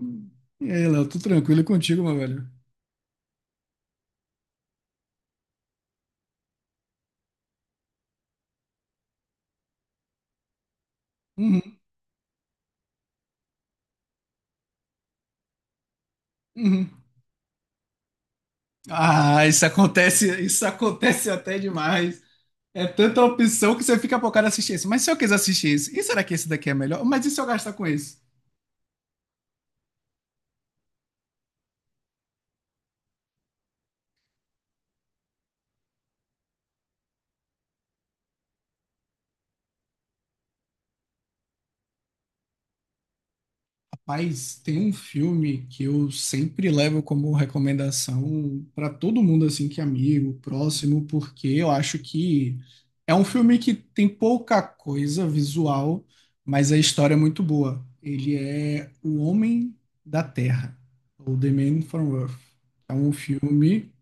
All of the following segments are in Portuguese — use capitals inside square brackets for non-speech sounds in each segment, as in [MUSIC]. Hum. E aí, Léo, tudo tranquilo contigo, meu velho? Uhum, uhum. Ah, isso acontece até demais. É tanta opção que você fica focado em assistir esse. Mas se eu quiser assistir esse, e será que esse daqui é melhor? Mas e se eu gastar com esse? Mas tem um filme que eu sempre levo como recomendação para todo mundo assim que é amigo, próximo, porque eu acho que é um filme que tem pouca coisa visual, mas a história é muito boa. Ele é O Homem da Terra, ou The Man from Earth. É um filme,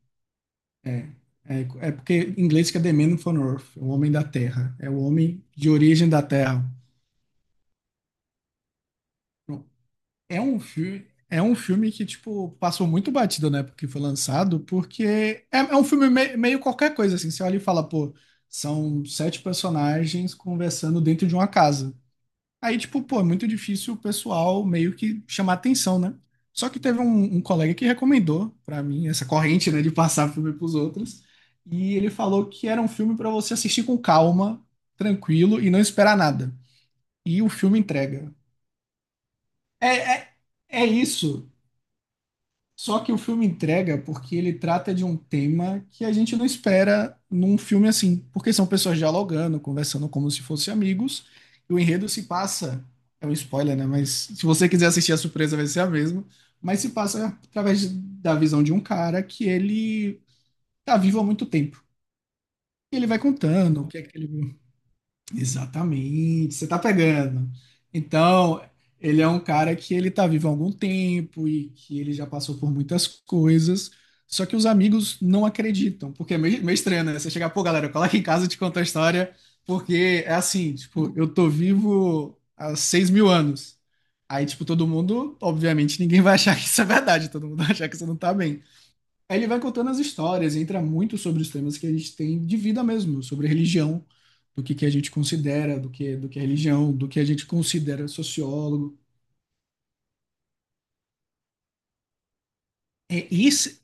é porque em inglês que é The Man from Earth, o Homem da Terra, é o homem de origem da Terra. É um filme que, tipo, passou muito batido na época que foi lançado, porque é um filme meio qualquer coisa, assim. Você olha e fala, pô, são sete personagens conversando dentro de uma casa. Aí, tipo, pô, é muito difícil o pessoal meio que chamar atenção, né? Só que teve um colega que recomendou pra mim essa corrente, né, de passar filme pros outros. E ele falou que era um filme pra você assistir com calma, tranquilo e não esperar nada. E o filme entrega. É, é- é isso. Só que o filme entrega porque ele trata de um tema que a gente não espera num filme assim, porque são pessoas dialogando, conversando como se fossem amigos, e o enredo se passa, é um spoiler, né? Mas se você quiser assistir a surpresa vai ser a mesma, mas se passa da visão de um cara que ele tá vivo há muito tempo. E ele vai contando o que é que ele Exatamente, você tá pegando. Então, ele é um cara que ele tá vivo há algum tempo e que ele já passou por muitas coisas, só que os amigos não acreditam, porque é meio estranho, né? Você chegar, pô, galera, cola aqui em casa e te conta a história, porque é assim, tipo, eu tô vivo há 6 mil anos. Aí, tipo, todo mundo, obviamente, ninguém vai achar que isso é verdade, todo mundo vai achar que você não tá bem. Aí ele vai contando as histórias, entra muito sobre os temas que a gente tem de vida mesmo, sobre religião, que a gente considera, do que é religião, do que a gente considera sociólogo. É esse,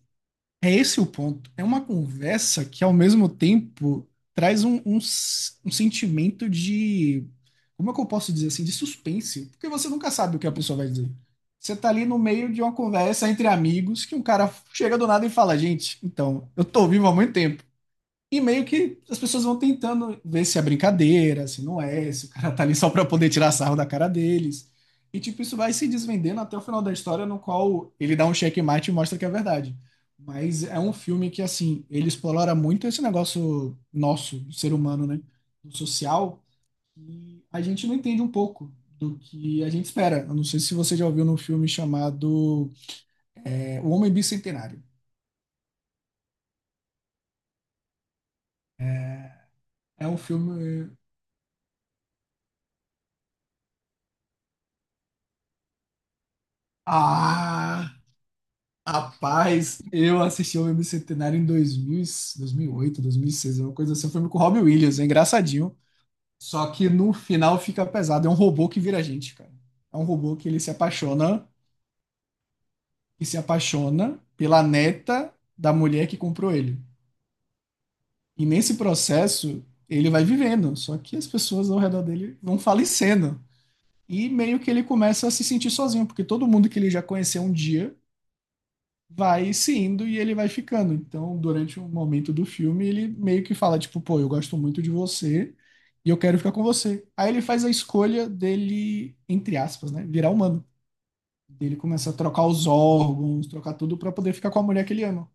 é esse o ponto. É uma conversa que, ao mesmo tempo, traz um sentimento de. Como é que eu posso dizer assim? De suspense. Porque você nunca sabe o que a pessoa vai dizer. Você tá ali no meio de uma conversa entre amigos que um cara chega do nada e fala: Gente, então, eu tô vivo há muito tempo. E meio que as pessoas vão tentando ver se é brincadeira, se não é, se o cara tá ali só pra poder tirar sarro da cara deles. E tipo, isso vai se desvendando até o final da história, no qual ele dá um checkmate e mostra que é verdade. Mas é um filme que, assim, ele explora muito esse negócio nosso, do ser humano, né? Do social, e a gente não entende um pouco do que a gente espera. Eu não sei se você já ouviu num filme chamado O Homem Bicentenário. É um filme. Ah! Rapaz, eu assisti ao filme Centenário em 2008, 2006, uma coisa assim. Foi filme com o Robin Williams, é engraçadinho. Só que no final fica pesado. É um robô que vira gente, cara. É um robô que ele se apaixona e se apaixona pela neta da mulher que comprou ele. E nesse processo, ele vai vivendo. Só que as pessoas ao redor dele vão falecendo. E meio que ele começa a se sentir sozinho, porque todo mundo que ele já conheceu um dia vai se indo e ele vai ficando. Então, durante um momento do filme, ele meio que fala, tipo, pô, eu gosto muito de você e eu quero ficar com você. Aí ele faz a escolha dele, entre aspas, né, virar humano. Ele começa a trocar os órgãos, trocar tudo pra poder ficar com a mulher que ele ama.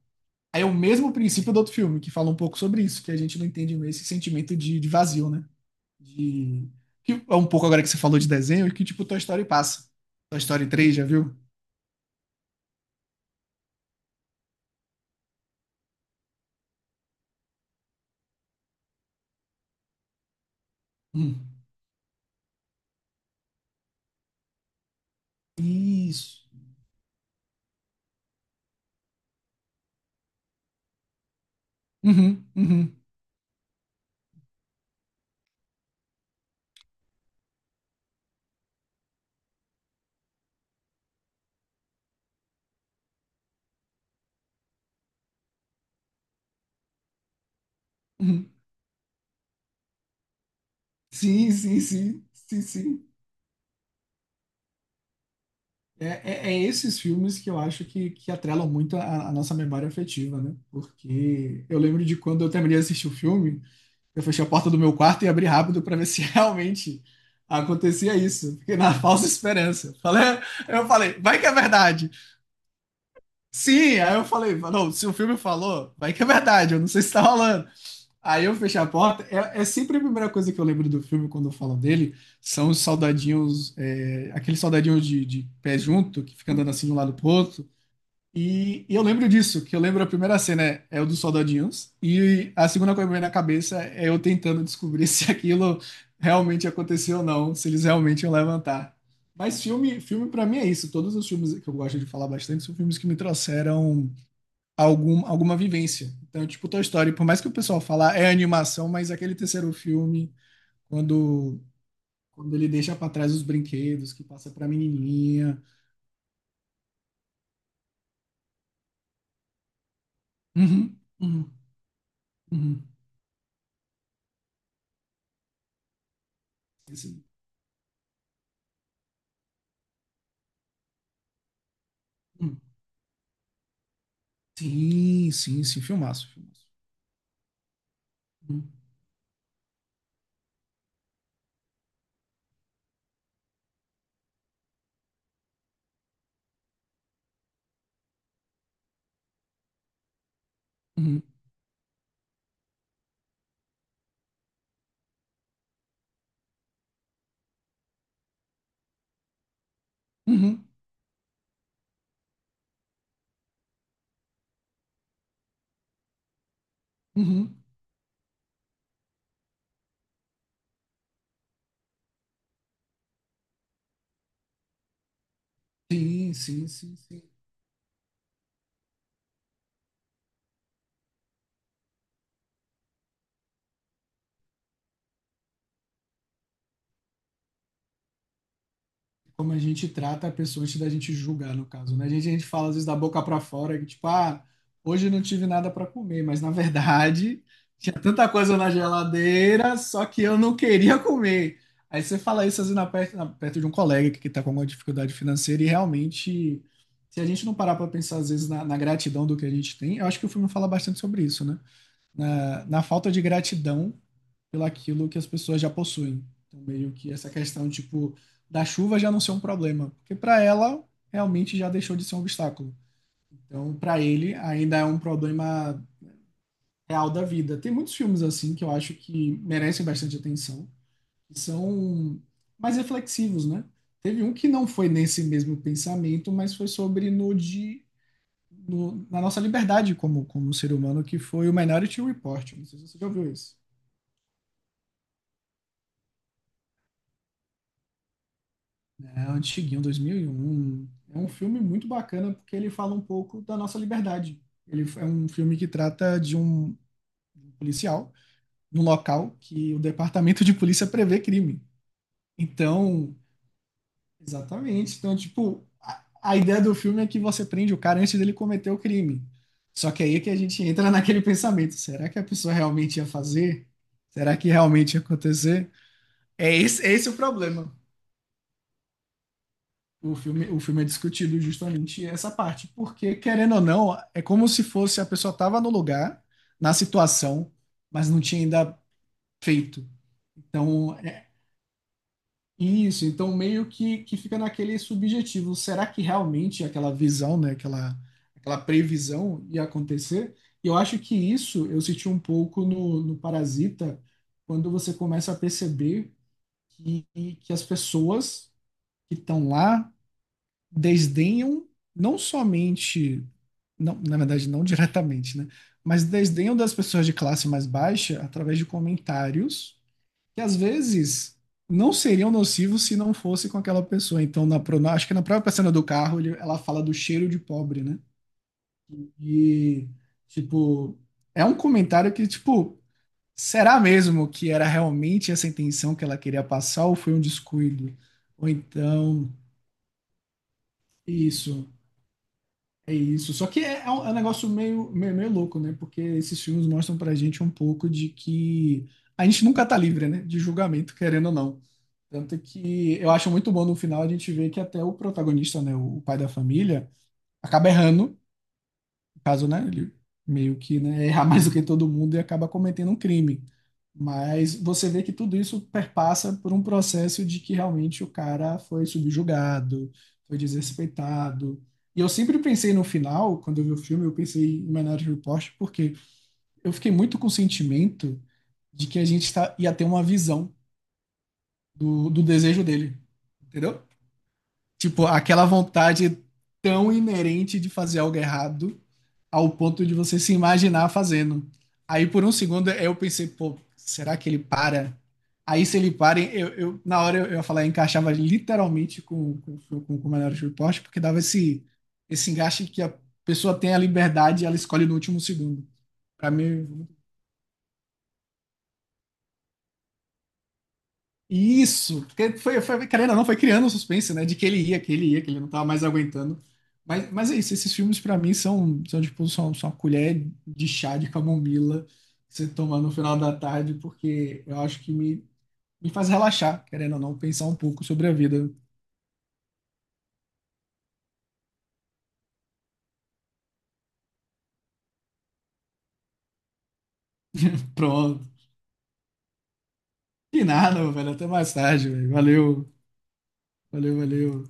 Aí é o mesmo princípio do outro filme, que fala um pouco sobre isso, que a gente não entende esse sentimento de vazio, né? De... Que é um pouco agora que você falou de desenho, que tipo Toy Story passa. Toy Story três já viu? Hum. Isso. Uhum, uhum. Uhum. Sim, sim, sim, sim, sim. É, é esses filmes que eu acho que atrelam muito a nossa memória afetiva, né? Porque eu lembro de quando eu terminei de assistir o filme, eu fechei a porta do meu quarto e abri rápido para ver se [LAUGHS] realmente acontecia isso. Fiquei na falsa esperança. Falei, eu falei, vai que é verdade. Sim, aí eu falei, não, se o filme falou, vai que é verdade, eu não sei se tá rolando. Aí eu fechei a porta. É, é sempre a primeira coisa que eu lembro do filme quando eu falo dele. São os soldadinhos, aqueles soldadinhos de pé junto, que fica andando assim de um lado pro outro. E eu lembro disso, que eu lembro a primeira cena é o dos soldadinhos. E a segunda coisa que me vem na cabeça é eu tentando descobrir [LAUGHS] se aquilo realmente aconteceu ou não, se eles realmente iam levantar. Mas filme, filme para mim é isso. Todos os filmes que eu gosto de falar bastante são filmes que me trouxeram alguma vivência. Então, é tipo, Toy Story, por mais que o pessoal fala "Ah, é animação, mas aquele terceiro filme, quando, quando ele deixa para trás os brinquedos, que passa pra menininha. Uhum, uhum, uhum. Esse- uhum. Sim, sim, sim, filmaço, filmaço. Uhum, uhum, uhum, uhum. Sim, sim, sim, sim. Como a gente trata a pessoa antes da gente julgar, no caso, né? A gente fala às vezes da boca para fora, que tipo, ah, hoje eu não tive nada para comer, mas na verdade [LAUGHS] tinha tanta coisa na geladeira, só que eu não queria comer. Aí você fala isso às vezes perto de um colega que está com alguma dificuldade financeira e realmente, se a gente não parar para pensar às vezes na gratidão do que a gente tem, eu acho que o filme fala bastante sobre isso, né? Na falta de gratidão pelaquilo que as pessoas já possuem. Então, meio que essa questão, tipo, da chuva já não ser um problema, porque para ela realmente já deixou de ser um obstáculo. Então, para ele ainda é um problema real da vida. Tem muitos filmes assim que eu acho que merecem bastante atenção, que são mais reflexivos, né? Teve um que não foi nesse mesmo pensamento, mas foi sobre no de no- na nossa liberdade como como ser humano, que foi o Minority Report. Não sei se você já ouviu isso. É antiguinho, 2001. É um filme muito bacana porque ele fala um pouco da nossa liberdade. Ele é um filme que trata de um policial num local que o departamento de polícia prevê crime. Então, exatamente. Então, tipo, a ideia do filme é que você prende o cara antes dele cometer o crime. Só que aí é que a gente entra naquele pensamento: será que a pessoa realmente ia fazer? Será que realmente ia acontecer? É esse o problema. O filme, o filme é discutido justamente essa parte, porque querendo ou não, é como se fosse a pessoa estava no lugar, na situação, mas não tinha ainda feito. Então, é isso, então meio que fica naquele subjetivo, será que realmente aquela visão, né, aquela previsão ia acontecer? E eu acho que isso eu senti um pouco no Parasita, quando você começa a perceber que, que as pessoas que estão lá desdenham não somente, não, na verdade, não [LAUGHS] diretamente, né? Mas desdenham das pessoas de classe mais baixa através de comentários que às vezes não seriam nocivos se não fosse com aquela pessoa. Então, acho que na própria cena do carro, ela fala do cheiro de pobre, né? E, tipo, é um comentário que, tipo, será mesmo que era realmente essa intenção que ela queria passar ou foi um descuido? Ou então, isso. É isso. Só que é um negócio meio louco, né? Porque esses filmes mostram pra gente um pouco de que a gente nunca tá livre, né? De julgamento, querendo ou não. Tanto que eu acho muito bom no final a gente ver que até o protagonista, né? O pai da família, acaba errando caso, né, ele meio que, né, errar [LAUGHS] mais do que todo mundo e acaba cometendo um crime. Mas você vê que tudo isso perpassa por um processo de que realmente o cara foi subjugado, foi desrespeitado. E eu sempre pensei no final, quando eu vi o filme, eu pensei em Minority Report, porque eu fiquei muito com o sentimento de que a gente tá, ia ter uma visão do desejo dele, entendeu? Tipo, aquela vontade tão inerente de fazer algo errado ao ponto de você se imaginar fazendo. Aí por um segundo eu pensei, pô, será que ele para? Aí se ele para, na hora eu ia falar, eu encaixava literalmente com o Minority Report, porque dava esse encaixe que a pessoa tem a liberdade e ela escolhe no último segundo. Pra mim, isso, porque querendo ou não, foi criando um suspense, né? De que ele ia, que ele não tava mais aguentando. Mas é isso, esses filmes pra mim são uma colher de chá de camomila que você toma no final da tarde, porque eu acho que me faz relaxar, querendo ou não, pensar um pouco sobre a vida. Pronto. E nada, velho, até mais tarde, velho. Valeu, valeu, valeu.